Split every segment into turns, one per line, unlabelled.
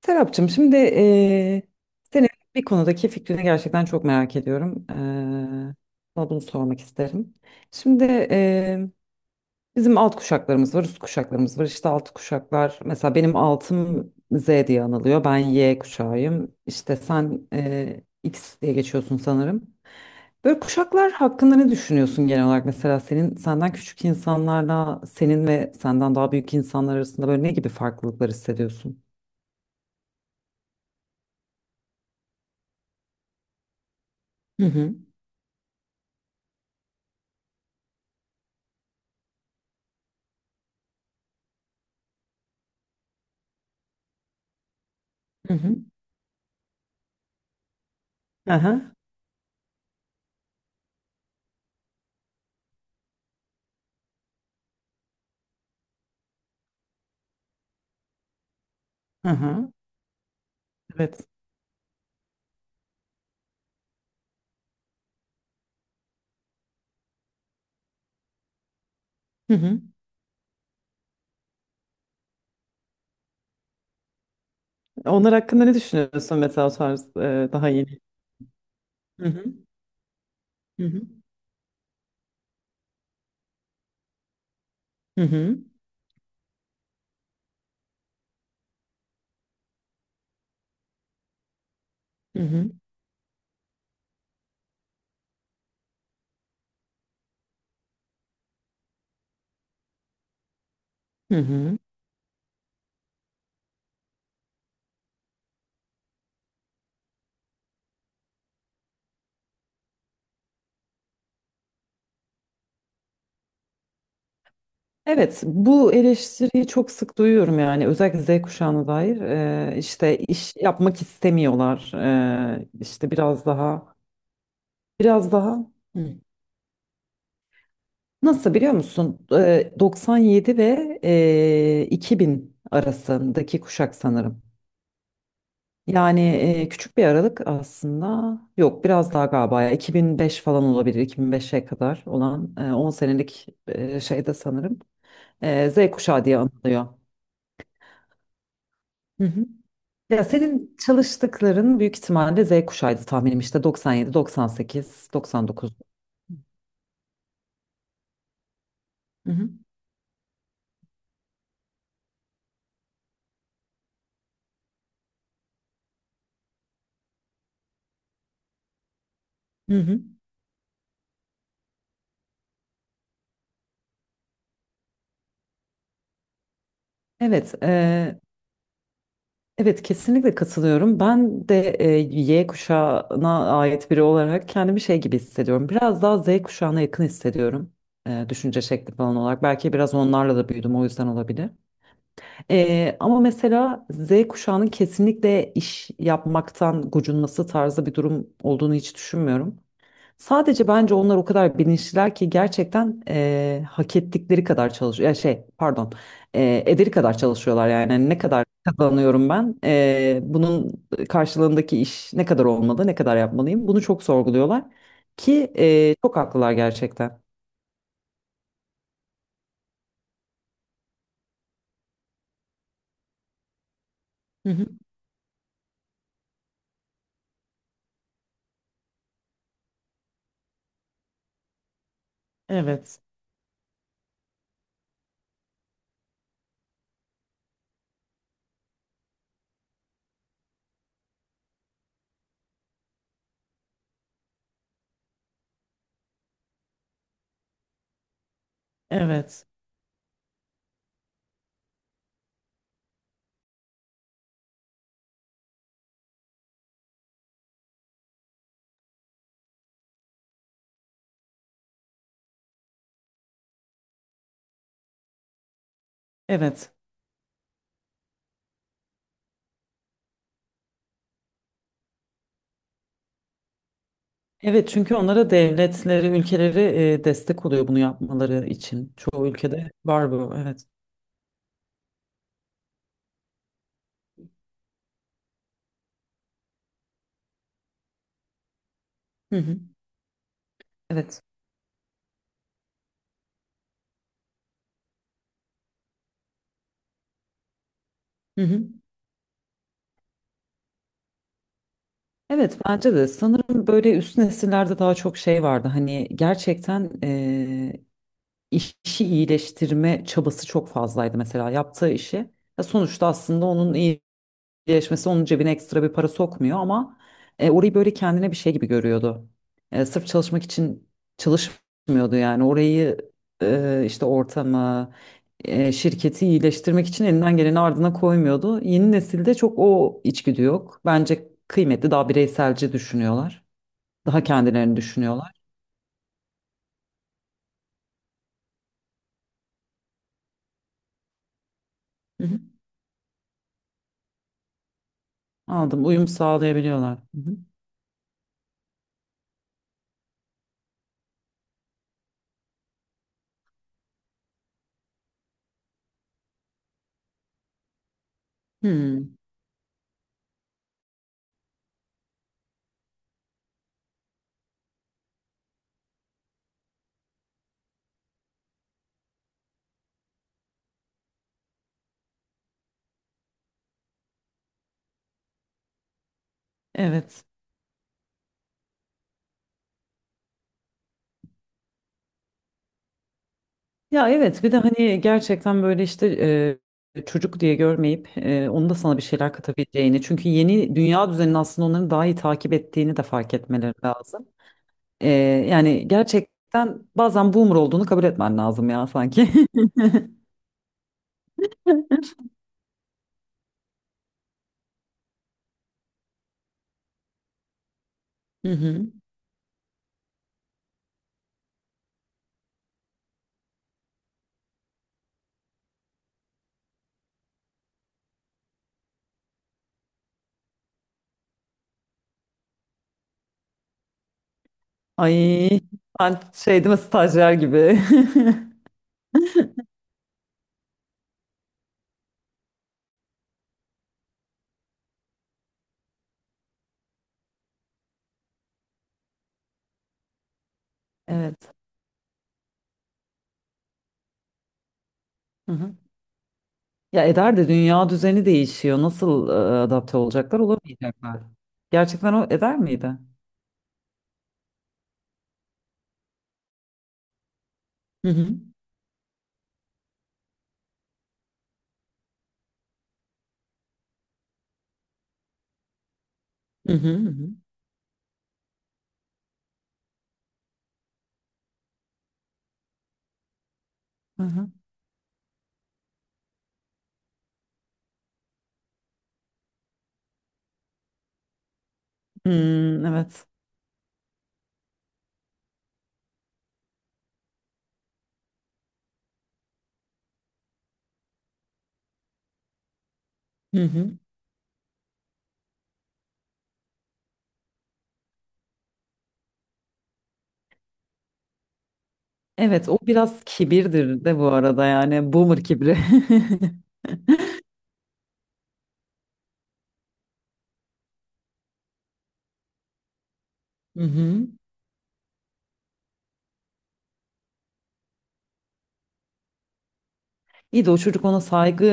Serapcığım, şimdi senin bir konudaki fikrini gerçekten çok merak ediyorum. Sana bunu sormak isterim. Şimdi bizim alt kuşaklarımız var, üst kuşaklarımız var. İşte alt kuşaklar, mesela benim altım Z diye anılıyor. Ben Y kuşağıyım. İşte sen X diye geçiyorsun sanırım. Böyle kuşaklar hakkında ne düşünüyorsun genel olarak? Mesela senin senden küçük insanlarla senin ve senden daha büyük insanlar arasında böyle ne gibi farklılıklar hissediyorsun? Hı hı. Hı hı. Aha. Hı hı. Evet. Hı hı. Onlar hakkında ne düşünüyorsun mesela, o tarz daha yeni? Hı hı. Hı hı. Hı hı. Hı hı. Hı hı. Evet, bu eleştiriyi çok sık duyuyorum, yani özellikle Z kuşağına dair. İşte iş yapmak istemiyorlar, işte biraz daha Hı. Nasıl, biliyor musun, 97 ve 2000 arasındaki kuşak sanırım. Yani küçük bir aralık aslında. Yok, biraz daha galiba, ya 2005 falan olabilir. 2005'e kadar olan 10 senelik şeyde sanırım. Z kuşağı diye anılıyor. Hı hı. Ya senin çalıştıkların büyük ihtimalle Z kuşağıydı tahminim, işte 97, 98, 99. Hı hı. Hı hı. Evet, e, Evet, kesinlikle katılıyorum. Ben de Y kuşağına ait biri olarak kendimi şey gibi hissediyorum. Biraz daha Z kuşağına yakın hissediyorum. Düşünce şekli falan olarak. Belki biraz onlarla da büyüdüm, o yüzden olabilir. Ama mesela Z kuşağının kesinlikle iş yapmaktan gocunması tarzı bir durum olduğunu hiç düşünmüyorum. Sadece bence onlar o kadar bilinçliler ki gerçekten hak ettikleri kadar çalışıyor. Ya şey, pardon, ederi kadar çalışıyorlar yani. Hani ne kadar kazanıyorum ben, bunun karşılığındaki iş ne kadar olmalı, ne kadar yapmalıyım, bunu çok sorguluyorlar ki çok haklılar gerçekten. Hı hı. Evet, evet, evet. Evet, çünkü onlara devletleri, ülkeleri destek oluyor bunu yapmaları için. Çoğu ülkede var bu, evet. Hı hı. Evet. Hı hı. Evet, bence de sanırım böyle üst nesillerde daha çok şey vardı. Hani gerçekten işi iyileştirme çabası çok fazlaydı, mesela yaptığı işi. Ya sonuçta aslında onun birleşmesi onun cebine ekstra bir para sokmuyor ama orayı böyle kendine bir şey gibi görüyordu. Sırf çalışmak için çalışmıyordu yani, orayı işte ortamı, şirketi iyileştirmek için elinden geleni ardına koymuyordu. Yeni nesilde çok o içgüdü yok. Bence kıymetli, daha bireyselci düşünüyorlar. Daha kendilerini düşünüyorlar. Hı hı. Aldım, uyum sağlayabiliyorlar. Hı hı. Hmm, evet. Ya evet, bir de hani gerçekten böyle işte çocuk diye görmeyip onun da sana bir şeyler katabileceğini, çünkü yeni dünya düzenini aslında onların daha iyi takip ettiğini de fark etmeleri lazım. E, Yani gerçekten bazen boomer olduğunu kabul etmen lazım ya, sanki. Hı hı. Ay, ben şey değil mi, stajyer gibi. Evet. Hı hı. Ya eder de, dünya düzeni değişiyor. Nasıl adapte olacaklar, olamayacaklar. Gerçekten o eder miydi? Hı hı. Hı hı. Hı hı. Hmm, evet. Hı hı. Evet, o biraz kibirdir de bu arada, yani boomer kibri. Hı hı. İyi de o çocuk ona saygı,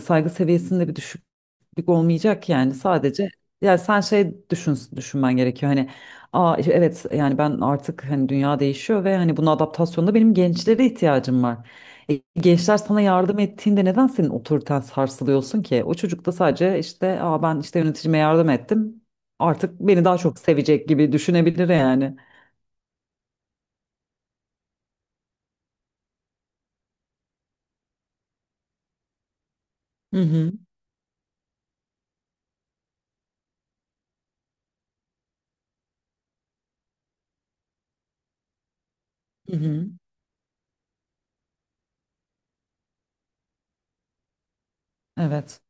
saygı seviyesinde bir düşüklük olmayacak yani, sadece yani sen şey düşün, düşünmen gerekiyor hani, aa işte evet, yani ben artık hani dünya değişiyor ve hani buna adaptasyonda benim gençlere ihtiyacım var. Gençler sana yardım ettiğinde neden senin otoriten sarsılıyorsun ki? O çocuk da sadece işte, aa ben işte yöneticime yardım ettim, artık beni daha çok sevecek gibi düşünebilir yani. Hı hı. Hı hı. Evet.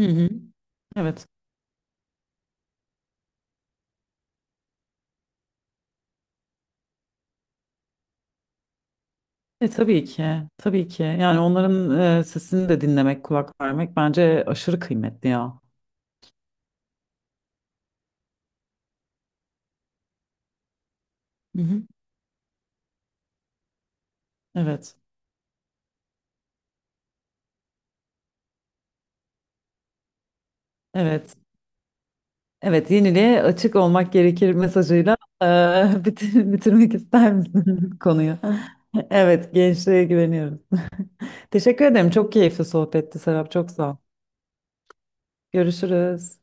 Hı hı. Evet. E tabii ki, tabii ki. Yani onların sesini de dinlemek, kulak vermek bence aşırı kıymetli ya. Hı hı. Evet, evet, evet. Yeniliğe açık olmak gerekir mesajıyla bitirmek ister misin konuyu? Evet, gençliğe güveniyorum. Teşekkür ederim. Çok keyifli sohbetti, Serap. Çok sağ ol. Görüşürüz.